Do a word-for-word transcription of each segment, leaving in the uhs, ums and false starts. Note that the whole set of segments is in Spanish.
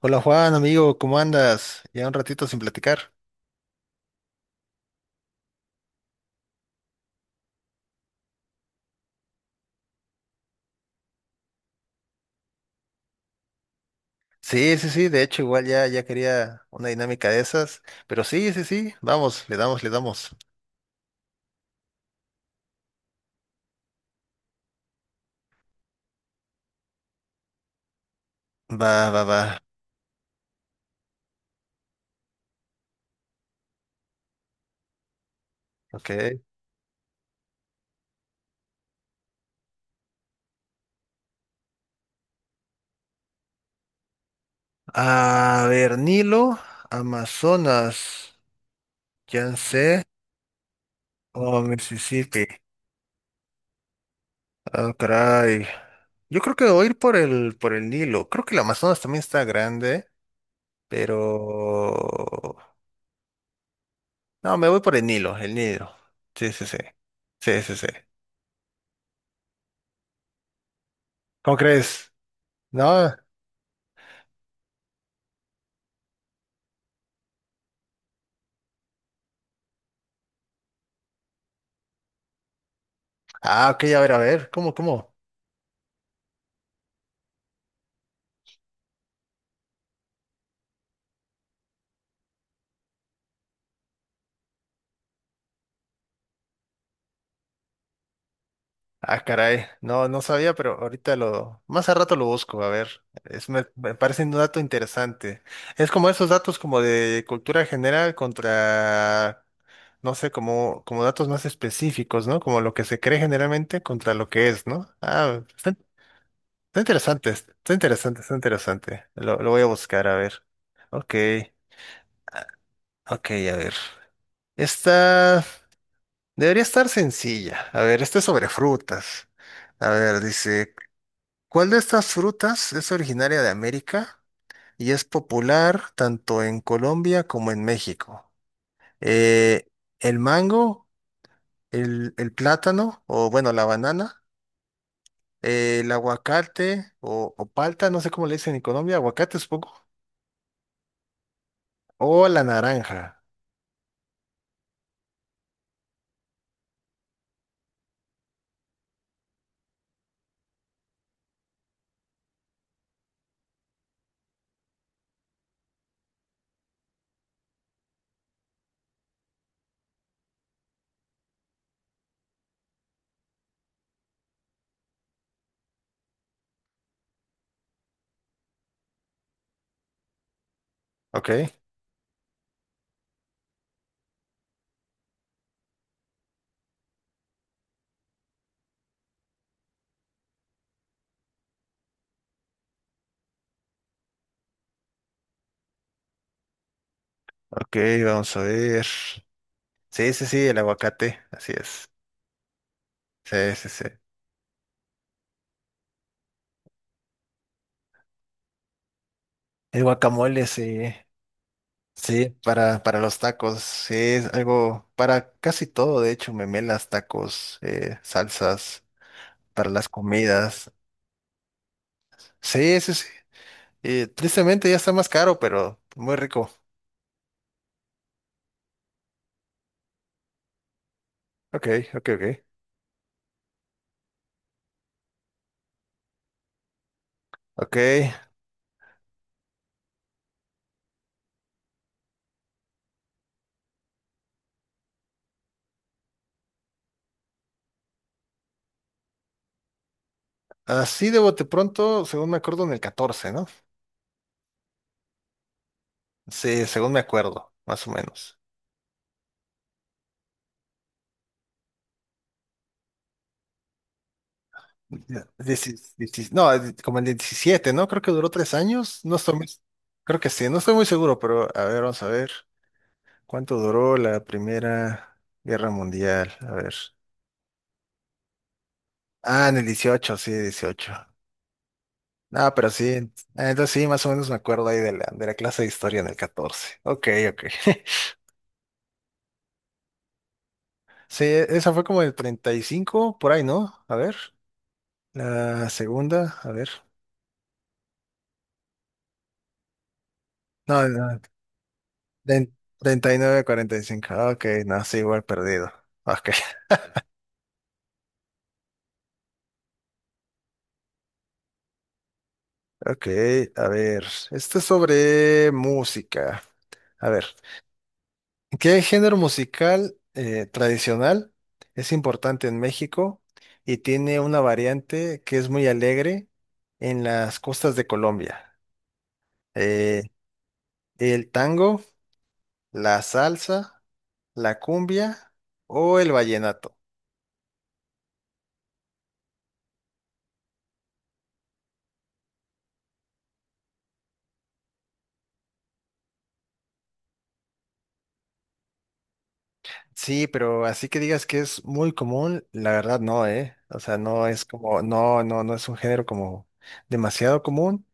Hola Juan, amigo, ¿cómo andas? Ya un ratito sin platicar. Sí, sí, sí, de hecho igual ya, ya quería una dinámica de esas, pero sí, sí, sí, vamos, le damos, le damos. Va, va, va, ok. A ver, Nilo, Amazonas, Yangtze o Mississippi. Ah, caray. Yo creo que voy a ir por el, por el Nilo. Creo que el Amazonas también está grande, pero... No, me voy por el Nilo, el Nilo. Sí, sí, sí. Sí, sí, sí. ¿Cómo crees? No, ah, ok, a ver, a ver, ¿cómo, cómo? Ah, caray, no, no sabía, pero ahorita lo, más a rato lo busco, a ver, es, me, me parece un dato interesante. Es como esos datos como de cultura general contra, no sé, como, como datos más específicos, ¿no? Como lo que se cree generalmente contra lo que es, ¿no? Ah, está, está interesante, está interesante, está interesante. Lo, lo voy a buscar, a ver. Ok, ah, ok, a ver. Esta. Debería estar sencilla. A ver, este es sobre frutas. A ver, dice, ¿cuál de estas frutas es originaria de América y es popular tanto en Colombia como en México? Eh, ¿el mango, el, el plátano o bueno, la banana, eh, el aguacate o, o palta, no sé cómo le dicen en Colombia, aguacate supongo, o la naranja? Ok, ok, vamos a ver. Sí, sí, sí, el aguacate, así es. Sí, sí, sí. El guacamole, sí. Sí, para, para los tacos, sí, es algo para casi todo, de hecho, memelas, tacos, eh, salsas, para las comidas. Sí, sí, sí. Eh, tristemente ya está más caro, pero muy rico. Ok, ok, ok. Ok, así de bote pronto, según me acuerdo, en el catorce, ¿no? Sí, según me acuerdo, más o menos. Ya, dieci- dieci- no, eh, como el diecisiete, ¿no? Creo que duró tres años, no estoy muy, creo que sí, no estoy muy seguro, pero a ver, vamos a ver. ¿Cuánto duró la Primera Guerra Mundial? A ver. Ah, en el dieciocho, sí, dieciocho. No, pero sí, ent- ah, entonces sí, más o menos me acuerdo ahí de la, de la clase de historia en el catorce. Ok, ok. Sí, e, esa fue como el treinta y cinco, por ahí, ¿no? A ver. La segunda, a ver. No, no, de- treinta y nueve, cuarenta y cinco. Ok, no, sí, igual perdido. Ok, ok, a ver. Esto es sobre música. A ver. ¿Qué género musical eh, tradicional es importante en México y tiene una variante que es muy alegre en las costas de Colombia? Eh, ¿el tango, la salsa, la cumbia o el vallenato? Sí, pero así que digas que es muy común, la verdad no, ¿eh? O sea, no es como, no, no, no es un género como demasiado común,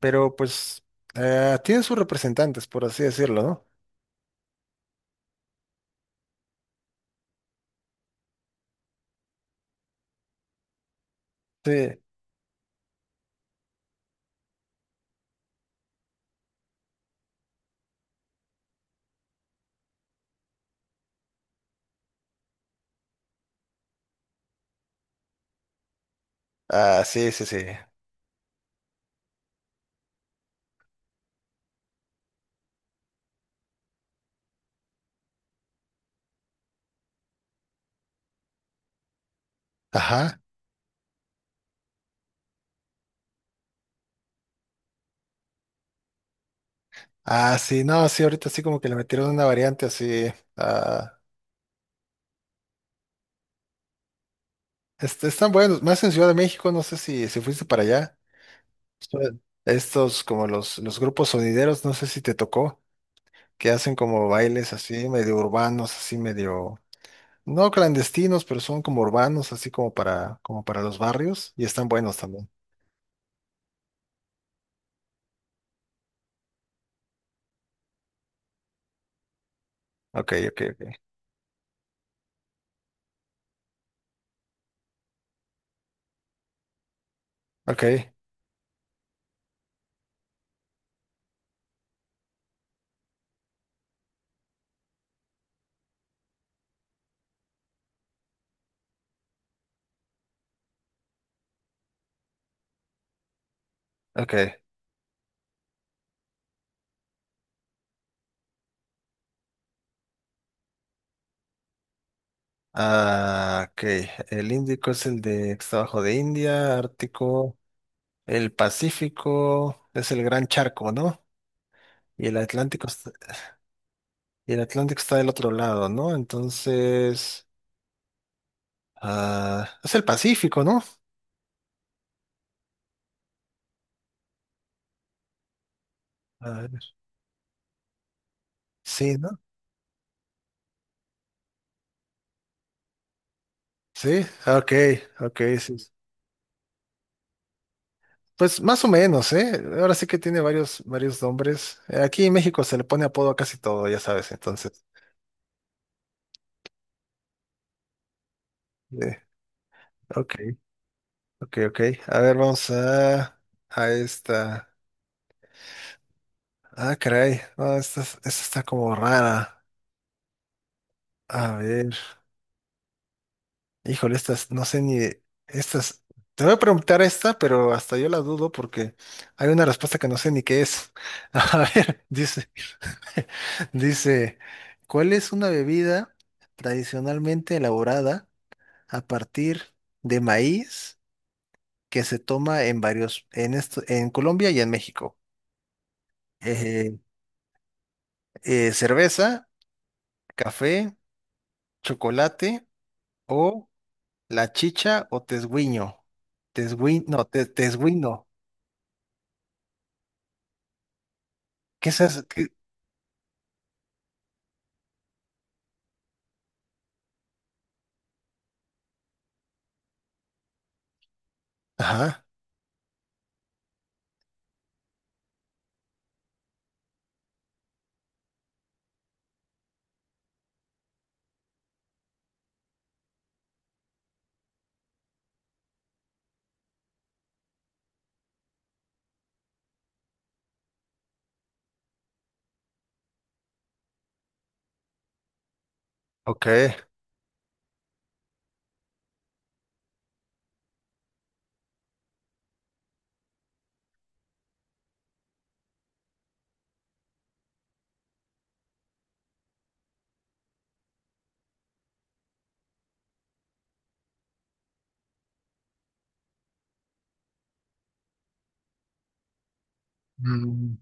pero pues eh, tiene sus representantes, por así decirlo, ¿no? Sí. Ah, sí, sí, sí. Ajá. Ah, sí, no, sí, ahorita sí como que le metieron una variante así. Ah, est- están buenos, más en Ciudad de México, no sé si, si fuiste para allá. Son Estos como los, los grupos sonideros, no sé si te tocó, que hacen como bailes así, medio urbanos, así medio, no clandestinos, pero son como urbanos, así como para, como para los barrios, y están buenos también. Ok, ok, ok. Ok, ok. Ah, ok. El Índico es el de que está abajo de India, Ártico. El Pacífico es el gran charco, ¿no? Y el Atlántico está, y el Atlántico está del otro lado, ¿no? Entonces, ah, es el Pacífico, ¿no? A ver, Sí, ¿no? Sí, ah, ok, ok, sí. sí. Pues más o menos, ¿eh? Ahora sí que tiene varios, varios nombres. Eh, Aquí en México se le pone apodo a casi todo, ya sabes, entonces. eh, ok, ok, ok. A ver, vamos a, a esta. Ah, caray. No, esta, es- esta está como rara. A ver. Híjole, estas, no sé ni, estas, te voy a preguntar esta, pero hasta yo la dudo porque hay una respuesta que no sé ni qué es. A ver, dice, dice, ¿cuál es una bebida tradicionalmente elaborada a partir de maíz que se toma en varios, en esto, en Colombia y en México? Eh, eh, cerveza, café, chocolate o la chicha o tesguiño. Tesguiño, no, te- tesguino. ¿Qué es eso? Ajá, ok. Mm,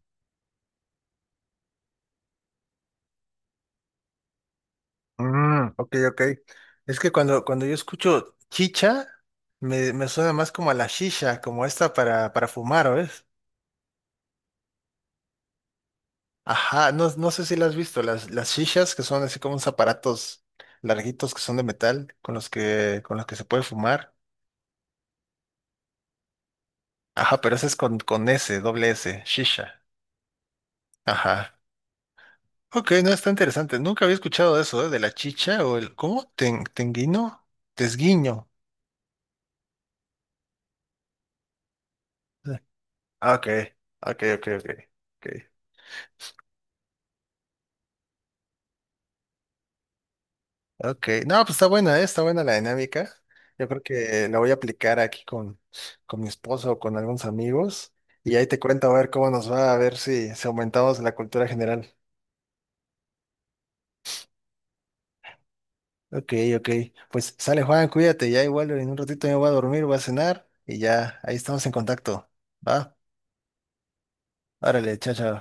mm, ok, ok. Es que cuando, cuando yo escucho chicha, me, me suena más como a la shisha, como esta para, para fumar, ¿o es? Ajá, no, no sé si la has visto, las, las shishas que son así como unos aparatos larguitos que son de metal, con los que, con los que se puede fumar. Ajá, pero ese es con, con ese, doble ese, shisha. Ajá. Ok, no, está interesante. Nunca había escuchado eso, ¿eh? De la chicha o el, ¿cómo? Ten, tenguino, tesguiño. Ah, Ok, ok, ok, ok. ok. Ok, no, pues está buena, ¿eh? Está buena la dinámica. Yo creo que la voy a aplicar aquí con, con mi esposo o con algunos amigos y ahí te cuento a ver cómo nos va, a ver si, si aumentamos la cultura general. Ok, ok. Pues sale Juan, cuídate, ya igual en un ratito me voy a dormir, voy a cenar y ya ahí estamos en contacto. ¿Va? Órale, chao, chao.